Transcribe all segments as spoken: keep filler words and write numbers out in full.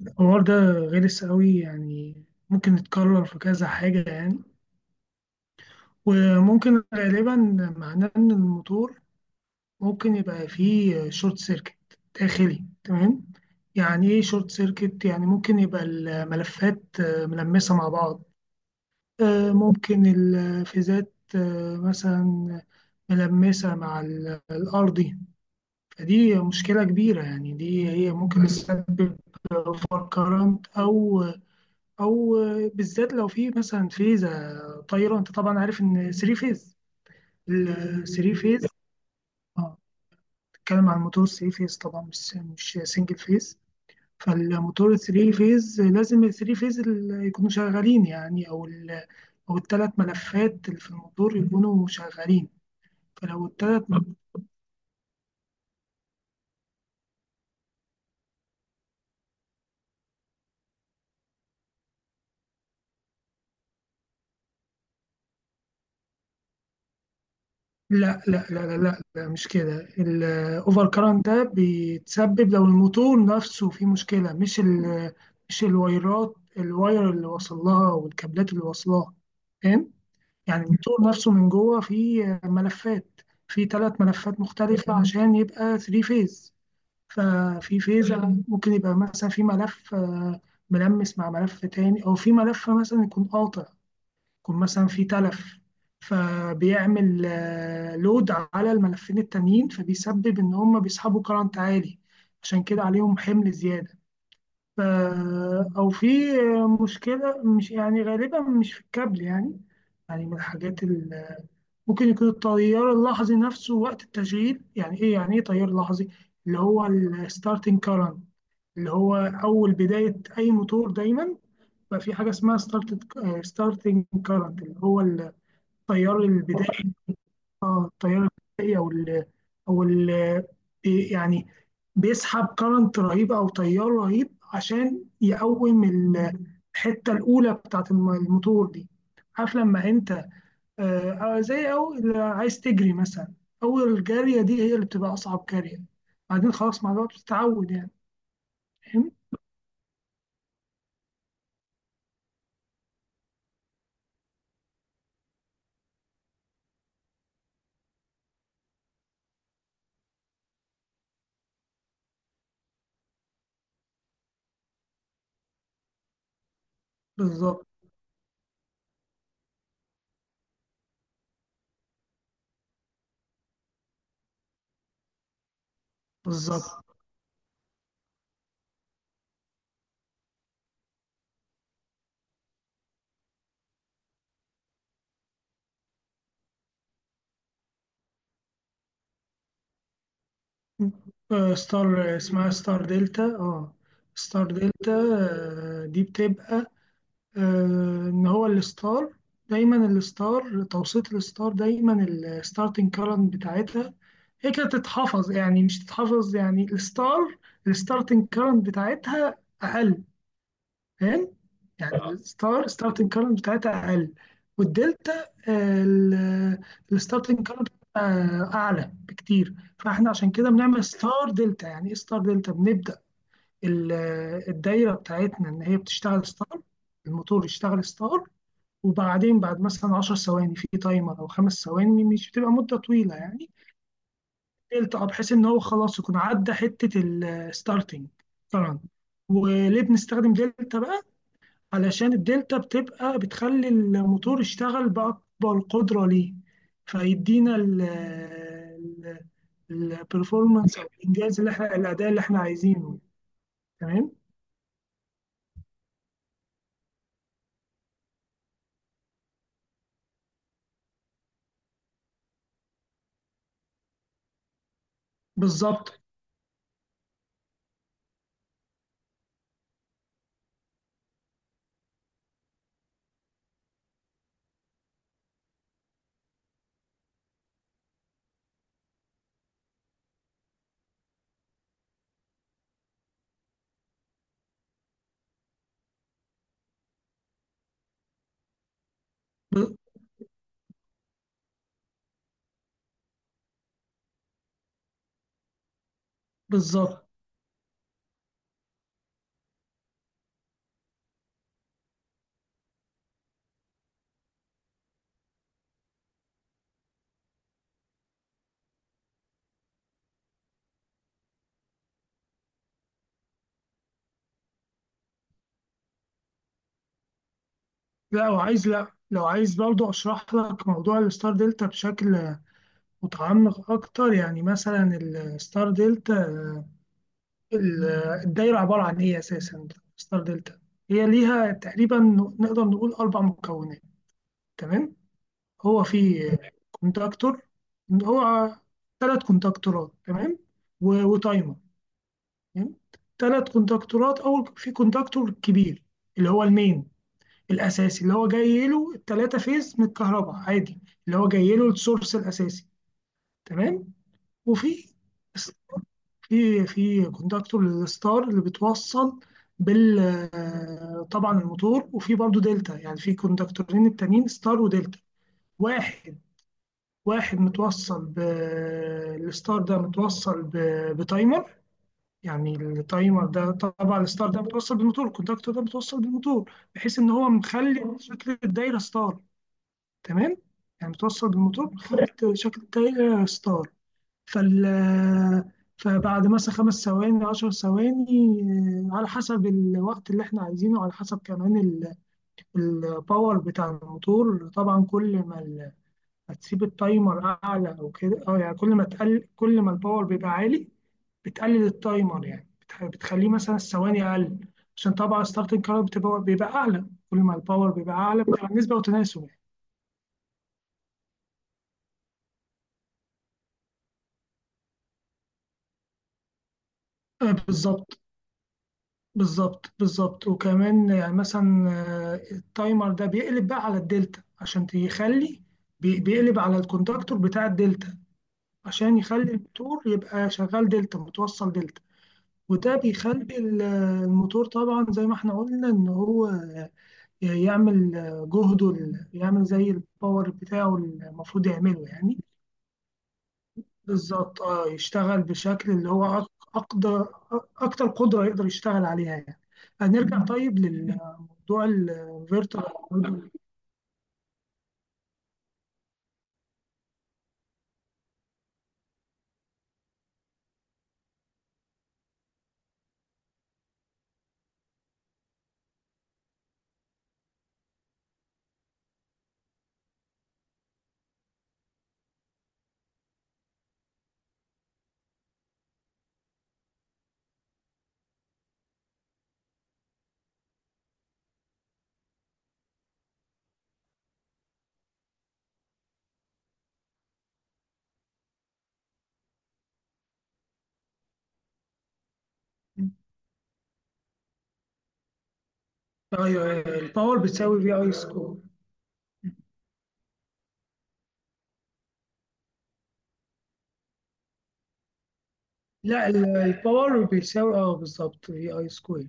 الحوار ده غلس قوي يعني، ممكن يتكرر في كذا حاجة يعني، وممكن غالبا معناه إن الموتور ممكن يبقى فيه شورت سيركت داخلي. تمام، يعني إيه شورت سيركت؟ يعني ممكن يبقى الملفات آه، ملمسة مع بعض، آه، ممكن الفيزات آه، مثلا ملمسة مع ال- الأرضي. فدي مشكلة كبيرة يعني، دي هي ممكن تسبب اوفر كارنت أو او بالذات لو في مثلا فيزا طايره. انت طبعا عارف ان 3 فيز. ال 3 فيز، اه، بتتكلم عن موتور 3 فيز طبعا، مش مش سنجل فيز. فالموتور 3 فيز لازم ال 3 فيز ال- يكونوا شغالين يعني، او ال او الثلاث ملفات اللي في الموتور يكونوا شغالين. فلو الثلاث، لا لا لا لا لا, لا مش كده. الاوفر كارنت ده بيتسبب لو الموتور نفسه فيه مشكلة، مش ال مش الوايرات، الواير اللي وصل لها والكابلات اللي وصلها، فاهم؟ يعني الموتور نفسه من جوه فيه ملفات، فيه ثلاث ملفات مختلفة، مم، عشان يبقى 3 فيز. ففي فيز مم ممكن يبقى مثلا في ملف آه، ملمس مع ملف تاني، او في ملف مثلا يكون قاطع، يكون مثلا في تلف، فبيعمل آه، لود على الملفين التانيين، فبيسبب ان هم بيسحبوا كرنت عالي، عشان كده عليهم حمل زيادة. ف- او في مشكلة مش يعني غالبا مش في الكابل يعني. يعني من الحاجات ال- ممكن يكون التيار اللحظي نفسه وقت التشغيل. يعني ايه يعني ايه تيار لحظي؟ اللي هو الستارتنج كارنت، اللي هو اول بداية اي موتور دايما بقى في حاجة اسمها ستارت، ستارتنج كارنت، اللي هو ال التيار البدائي. اه، التيار البدائي، او ال او ال بي- يعني بيسحب كرنت رهيب او تيار رهيب عشان يقوم ال- الحته الاولى بتاعت الم- الموتور دي. عارف لما انت آه، آه، زي او اللي عايز تجري مثلا، اول جاريه دي هي اللي بتبقى اصعب جاريه، بعدين خلاص مع الوقت بتتعود يعني، فاهم؟ بالظبط بالظبط. آه ستار، اسمها ستار دلتا. اه ستار دلتا. آه دي بتبقى آه، ان هو الستار، دايما الستار، توسيط الستار، دايما الستارتنج كارنت بتاعتها هي كده تتحفظ يعني، مش تتحفظ يعني الستار، الستارتنج كارنت بتاعتها اقل، فاهم؟ يعني آه. الستار ستارتنج كارنت بتاعتها اقل، والدلتا الستارتنج كارنت اعلى بكتير. فاحنا عشان كده بنعمل ستار دلتا. يعني ايه ستار دلتا؟ بنبدا ال- الدايره بتاعتنا ان هي بتشتغل ستار، الموتور يشتغل ستار، وبعدين بعد مثلا 10 ثواني في تايمر او خمس ثواني، مش بتبقى مده طويله يعني، التقى بحيث ان هو خلاص يكون عدى حته الستارتنج. طبعا وليه بنستخدم دلتا بقى؟ علشان الدلتا بتبقى بتخلي الموتور يشتغل باكبر قدره ليه، فيدينا البرفورمانس او الانجاز اللي احنا الاداء اللي احنا عايزينه. تمام بالظبط. ب- بالظبط. لا وعايز، لا لو عايز برضه اشرح لك موضوع الستار دلتا بشكل متعمق أكتر. يعني مثلا الستار دلتا، ال- الدايرة عبارة عن إيه أساسا؟ ستار دلتا هي ليها تقريبا، نقدر نقول أربع مكونات. تمام، هو في كونتاكتور، هو ثلاث كونتاكتورات، تمام، و- وتايمر. تمام، ثلاث كونتاكتورات. أول في كونتاكتور كبير اللي هو المين الأساسي، اللي هو جاي له الثلاثة فيز من الكهرباء عادي، اللي هو جاي له السورس الأساسي، تمام. وفي في في كونتاكتور للستار اللي بتوصل بال آه، طبعا الموتور، وفي برضو دلتا يعني، في كونتاكتورين التانيين ستار ودلتا. واحد واحد متوصل ب الستار، ده متوصل ب... بتايمر، يعني التايمر ده طبعا الستار ده متوصل بالموتور، الكونتاكتور ده متوصل بالموتور بحيث ان هو مخلي شكل الدايره ستار. تمام، يعني متوصل بالموتور مخلي شكل الدايره ستار. فال فبعد مثلا خمس ثواني عشر ثواني، آه، على حسب الوقت اللي احنا عايزينه، على حسب كمان الباور بتاع الموتور. طبعا كل ما ال- ما تسيب التايمر اعلى او كده اه، يعني كل ما تقل، كل ما الباور بيبقى عالي، بتقلل التايمر، يعني بتح- بتخليه مثلا الثواني اقل، عشان طبعا ستارتنج كارت بتبقى بيبقى اعلى، كل ما الباور بيبقى اعلى بتبقى النسبه وتناسب يعني. آه، بالظبط. بالظبط بالظبط، وكمان يعني مثلا آه، التايمر ده بيقلب بقى على الدلتا عشان يخلي، بي- بيقلب على الكونتاكتور بتاع الدلتا عشان يخلي الموتور يبقى شغال دلتا، متوصل دلتا، وده بيخلي ال- الموتور طبعا زي ما احنا قلنا ان هو يعمل جهده، ال- يعمل زي الباور بتاعه المفروض يعمله يعني. بالظبط، اه يشتغل بشكل اللي هو أق- أقدر أكتر قدرة يقدر يشتغل عليها يعني. هنرجع طيب للموضوع الفيرتوال. ايوه، أيوة، الباور بتساوي في اي سكوير. لا ال- الباور بيساوي اه بالظبط في اي سكوير.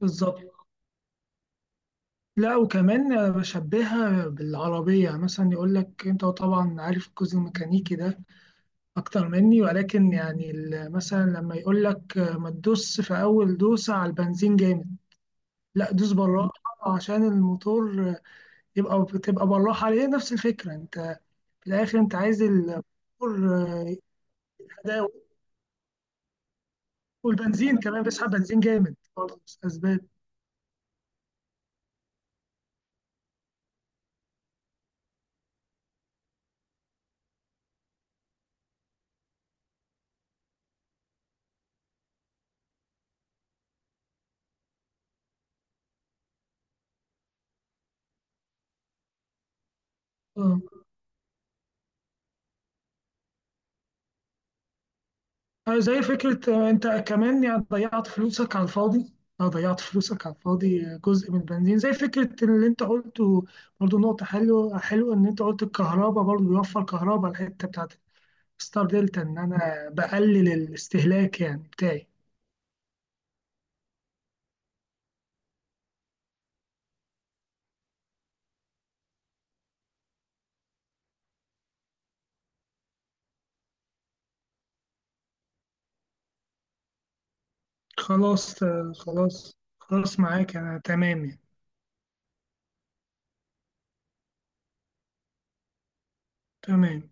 بالظبط. لا وكمان بشبهها بالعربية مثلا، يقول لك انت طبعا عارف الجزء الميكانيكي ده اكتر مني، ولكن يعني ال- مثلا لما يقول لك ما تدوس في اول دوسة على البنزين جامد، لا دوس بالراحة عشان الموتور يبقى بتبقى بالراحة عليه. نفس الفكرة، انت في الآخر انت عايز الموتور آه، أداء. والبنزين كمان بيسحب بنزين جامد برضه، مش أسباب. آه. آه، زي فكرة، آه، انت كمان يعني ضيعت فلوسك على الفاضي. اه ضيعت فلوسك على الفاضي، آه، جزء من البنزين زي فكرة اللي انت قلته. برضه نقطة حلوة حلوة ان انت قلت الكهرباء، برضه بيوفر كهرباء الحتة بتاعت ستار دلتا ان انا بقلل الاستهلاك يعني بتاعي. خلاص آه، خلاص خلاص، معاك أنا تمام يعني. تمام.